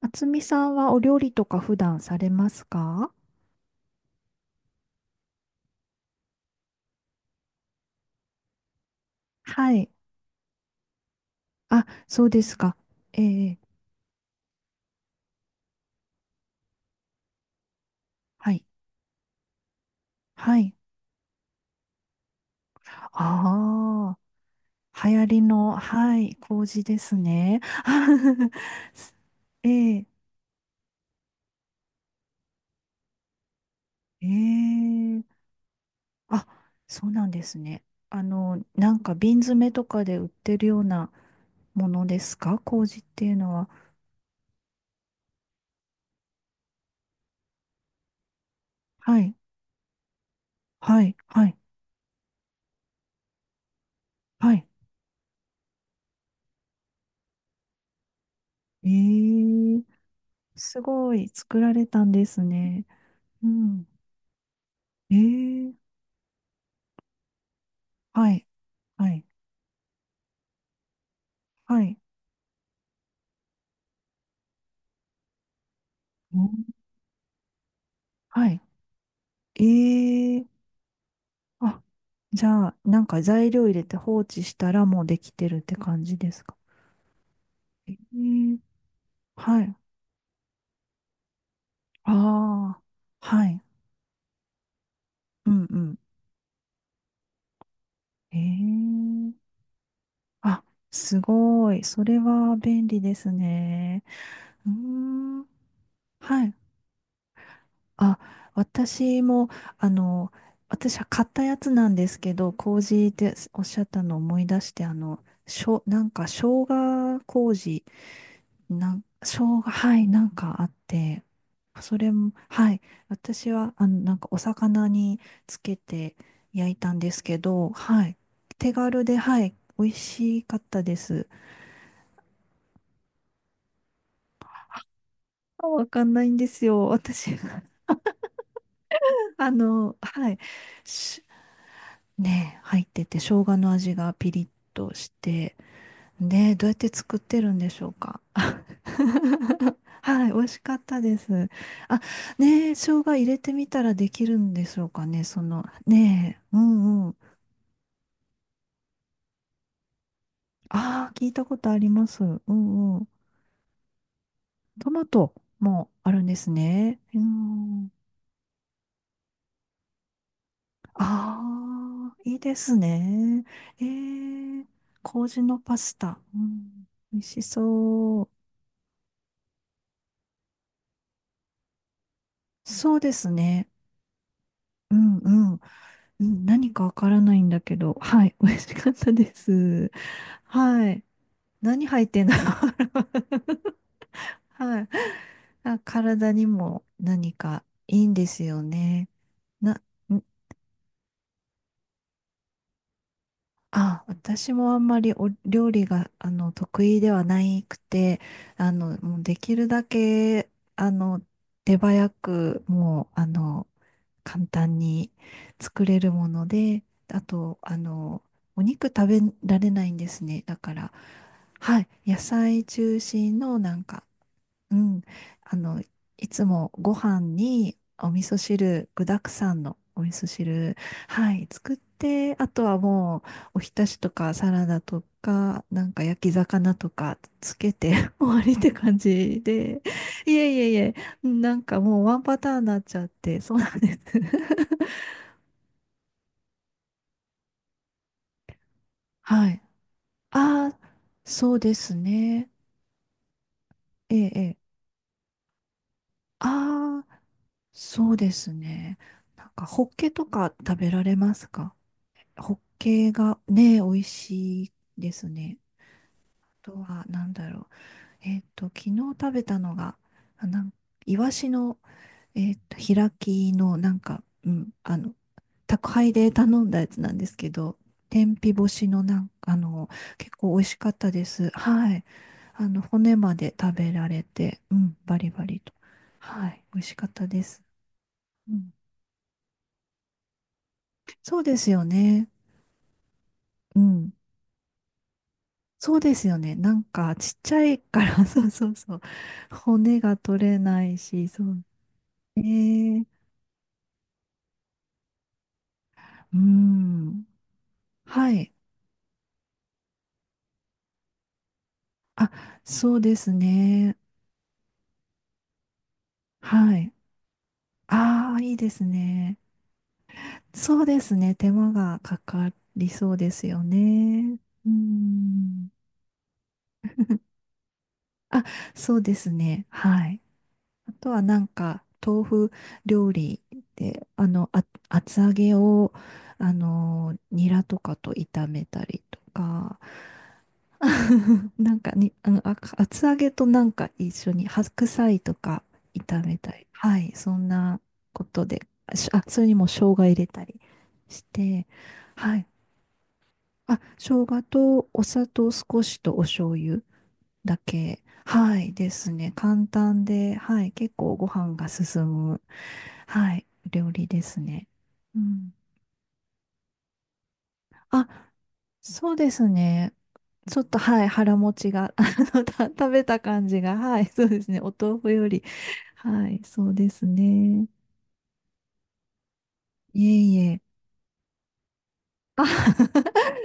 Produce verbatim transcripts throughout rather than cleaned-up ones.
厚みさんはお料理とか普段されますか？はい。あ、そうですか。ええ、はい。はい。ああ、流行りの、はい、麹ですね。ええ、ええ、あ、そうなんですね。あの、なんか瓶詰めとかで売ってるようなものですか、麹っていうのは。はい、はい、はい、はい。ええ、すごい、作られたんですね。うん。ええ、はい、はい、はい、うん、はい。ええ、あ、じゃあ、なんか材料入れて放置したらもうできてるって感じですか？ええ、はい、ああ、はい、うん、うん。ええ、あ、すごい。それは便利ですね。うーん、はい。あ、私も、あの、私は買ったやつなんですけど、麹っておっしゃったのを思い出して、あの、しょ、なんか生姜麹、なん、生姜、はい、なんかあって、それも、はい、私は、あの、なんかお魚につけて焼いたんですけど、はい、手軽で、はい、美味しかったです。あ、わかんないんですよ、私。あの、はい。ね、入ってて、生姜の味がピリッとして、で、どうやって作ってるんでしょうか。はい、美味しかったです。あ、ねえ、生姜入れてみたらできるんでしょうかね、その、ねえ、うんうん。ああ、聞いたことあります。うんうん。トマトもあるんですね。うん。ああ、いいですね。ええ、麹のパスタ。うん、美味しそう。そうですね。うんうん。うん、何かわからないんだけど、はい、美味しかったです。はい。何入ってんだろう。はい。あ、体にも何かいいんですよね。な、んあ、私もあんまりお料理が、あの、得意ではないくて、あの、もうできるだけ、あの、手早く、もう、あの、簡単に作れるもので、あと、あの、お肉食べられないんですね。だから、はい、野菜中心のなんか、うん、あの、いつもご飯にお味噌汁、具沢山のお味噌汁、はい、作って、あとはもう、おひたしとかサラダとか、なんか焼き魚とかつけて 終わりって感じで、いえいえいえ、なんかもうワンパターンになっちゃって、そうなんです。はい。ああ、そうですね。ええ、ええ。ああ、そうですね。なんか、ホッケとか食べられますか？ホッケがね、美味しいですね。あとは、なんだろう。えっと、昨日食べたのが、あ、なん、イワシのえっと、開きの、なんか、うん、あの、宅配で頼んだやつなんですけど、天日干しのなんか、あの、結構美味しかったです。はい。あの、骨まで食べられて、うん、バリバリと。はい、美味しかったです。うん、そうですよね。うん。そうですよね。なんか、ちっちゃいから そうそうそう。骨が取れないし、そう。えー、うん。はい。あ、そうですね。はい。ああ、いいですね。そうですね。手間がかかりそうですよね。うん。あ、そうですね。はい。あとはなんか、豆腐料理で、あの、あ、厚揚げを、あの、ニラとかと炒めたりとか、なんかに、あの、あ、厚揚げとなんか一緒に白菜とか炒めたり、はい、そんなことで、あ、しあそれにも生姜入れたりして、はい。あ、生姜とお砂糖少しとお醤油だけ、はい、ですね。簡単で、はい、結構ご飯が進む、はい、料理ですね。うん、あ、そうですね。ちょっと、はい、腹持ちが、あの、た、食べた感じが、はい、そうですね。お豆腐より、はい、そうですね。いえいえ。あ、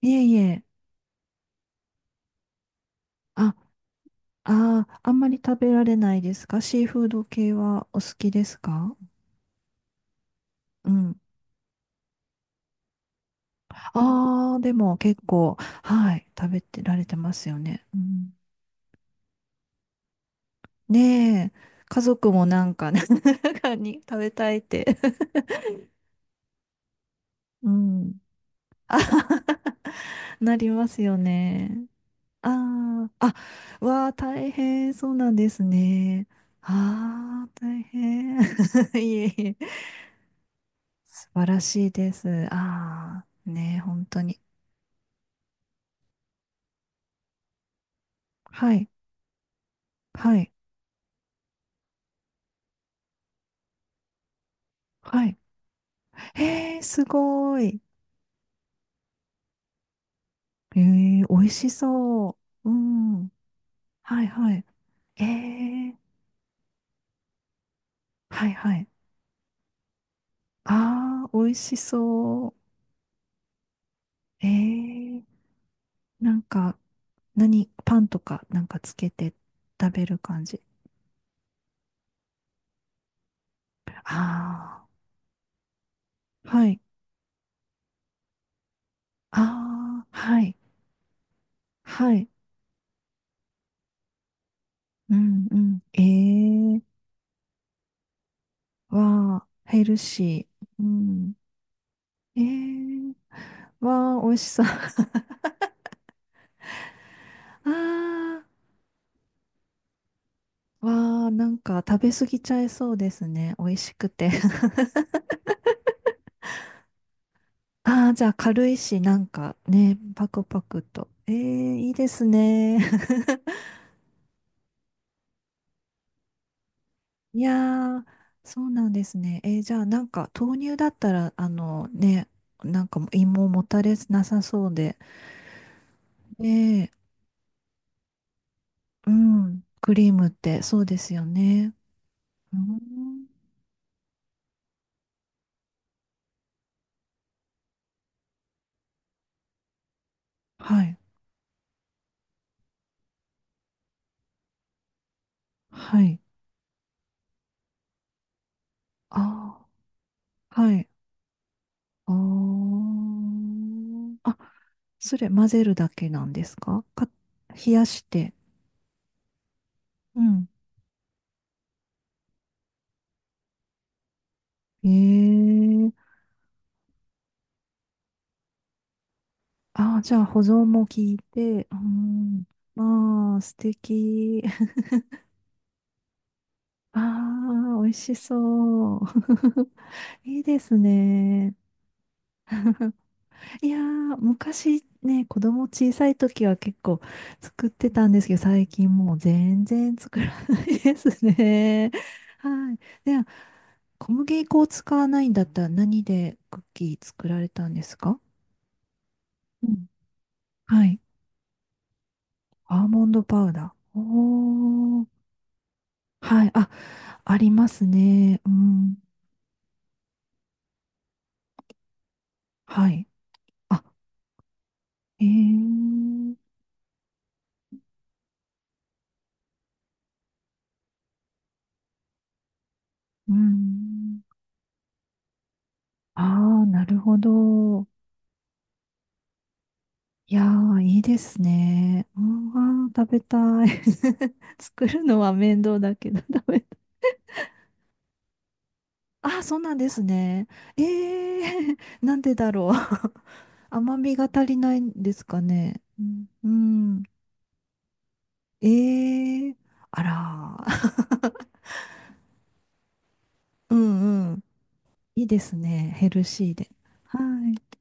いえいえ。あ、あー、あんまり食べられないですか、シーフード系はお好きですか？うん。ああ、でも結構、はい、食べてられてますよね。うん、ねえ、家族もなんかね、中に食べたいって。うん。あ、なりますよね。ああ、あ、わあ、大変、そうなんですね。ああ、大変。いえいえ。素晴らしいです。ああ、ねえ、本当に。はい、はい、はい。へえ、すごい。ええ、美味しそう。うん。はい、はい。ええ、はい、はい。ああ、美味しそう。ええ、なんか、何、パンとかなんかつけて食べる感じ。ああ、はい。ああ、はい。はい。うん、うん。ええ、わあ、ヘルシー。うん。ええ、わあ、美味しそう。ああ、わあ、なんか食べ過ぎちゃいそうですね。美味しくて。ああ、じゃあ軽いし、なんかね、パクパクと。ええ、いいですね。いやー、そうなんですね。えー、じゃあなんか豆乳だったら、あのね、なんかも芋もたれなさそうで、ねえ、うん。クリームって、そうですよね。うん。はい。はい。ああ、はい。ああ。あ、それ混ぜるだけなんですかか、冷やして。うん。ええ。ああ、じゃあ保存も効いて。うん。まあ、素敵。ああ、美味しそう。いいですね。いやー、昔ね、子供小さい時は結構作ってたんですけど、最近もう全然作らないですね。はい。では、小麦粉を使わないんだったら何でクッキー作られたんですか？うん。はい。アーモンドパウダー。おー。はい。あ、ありますね。うん。はい。あ、えー。うん。ああ、なるほど。いやー、いいですね。あー、食べたい。作るのは面倒だけど、食べたい。あー、そうなんですね。えー、なんでだろう。甘みが足りないんですかね。うん。うん、えー、あらー。うんうん。いいですね。ヘルシーで。はい。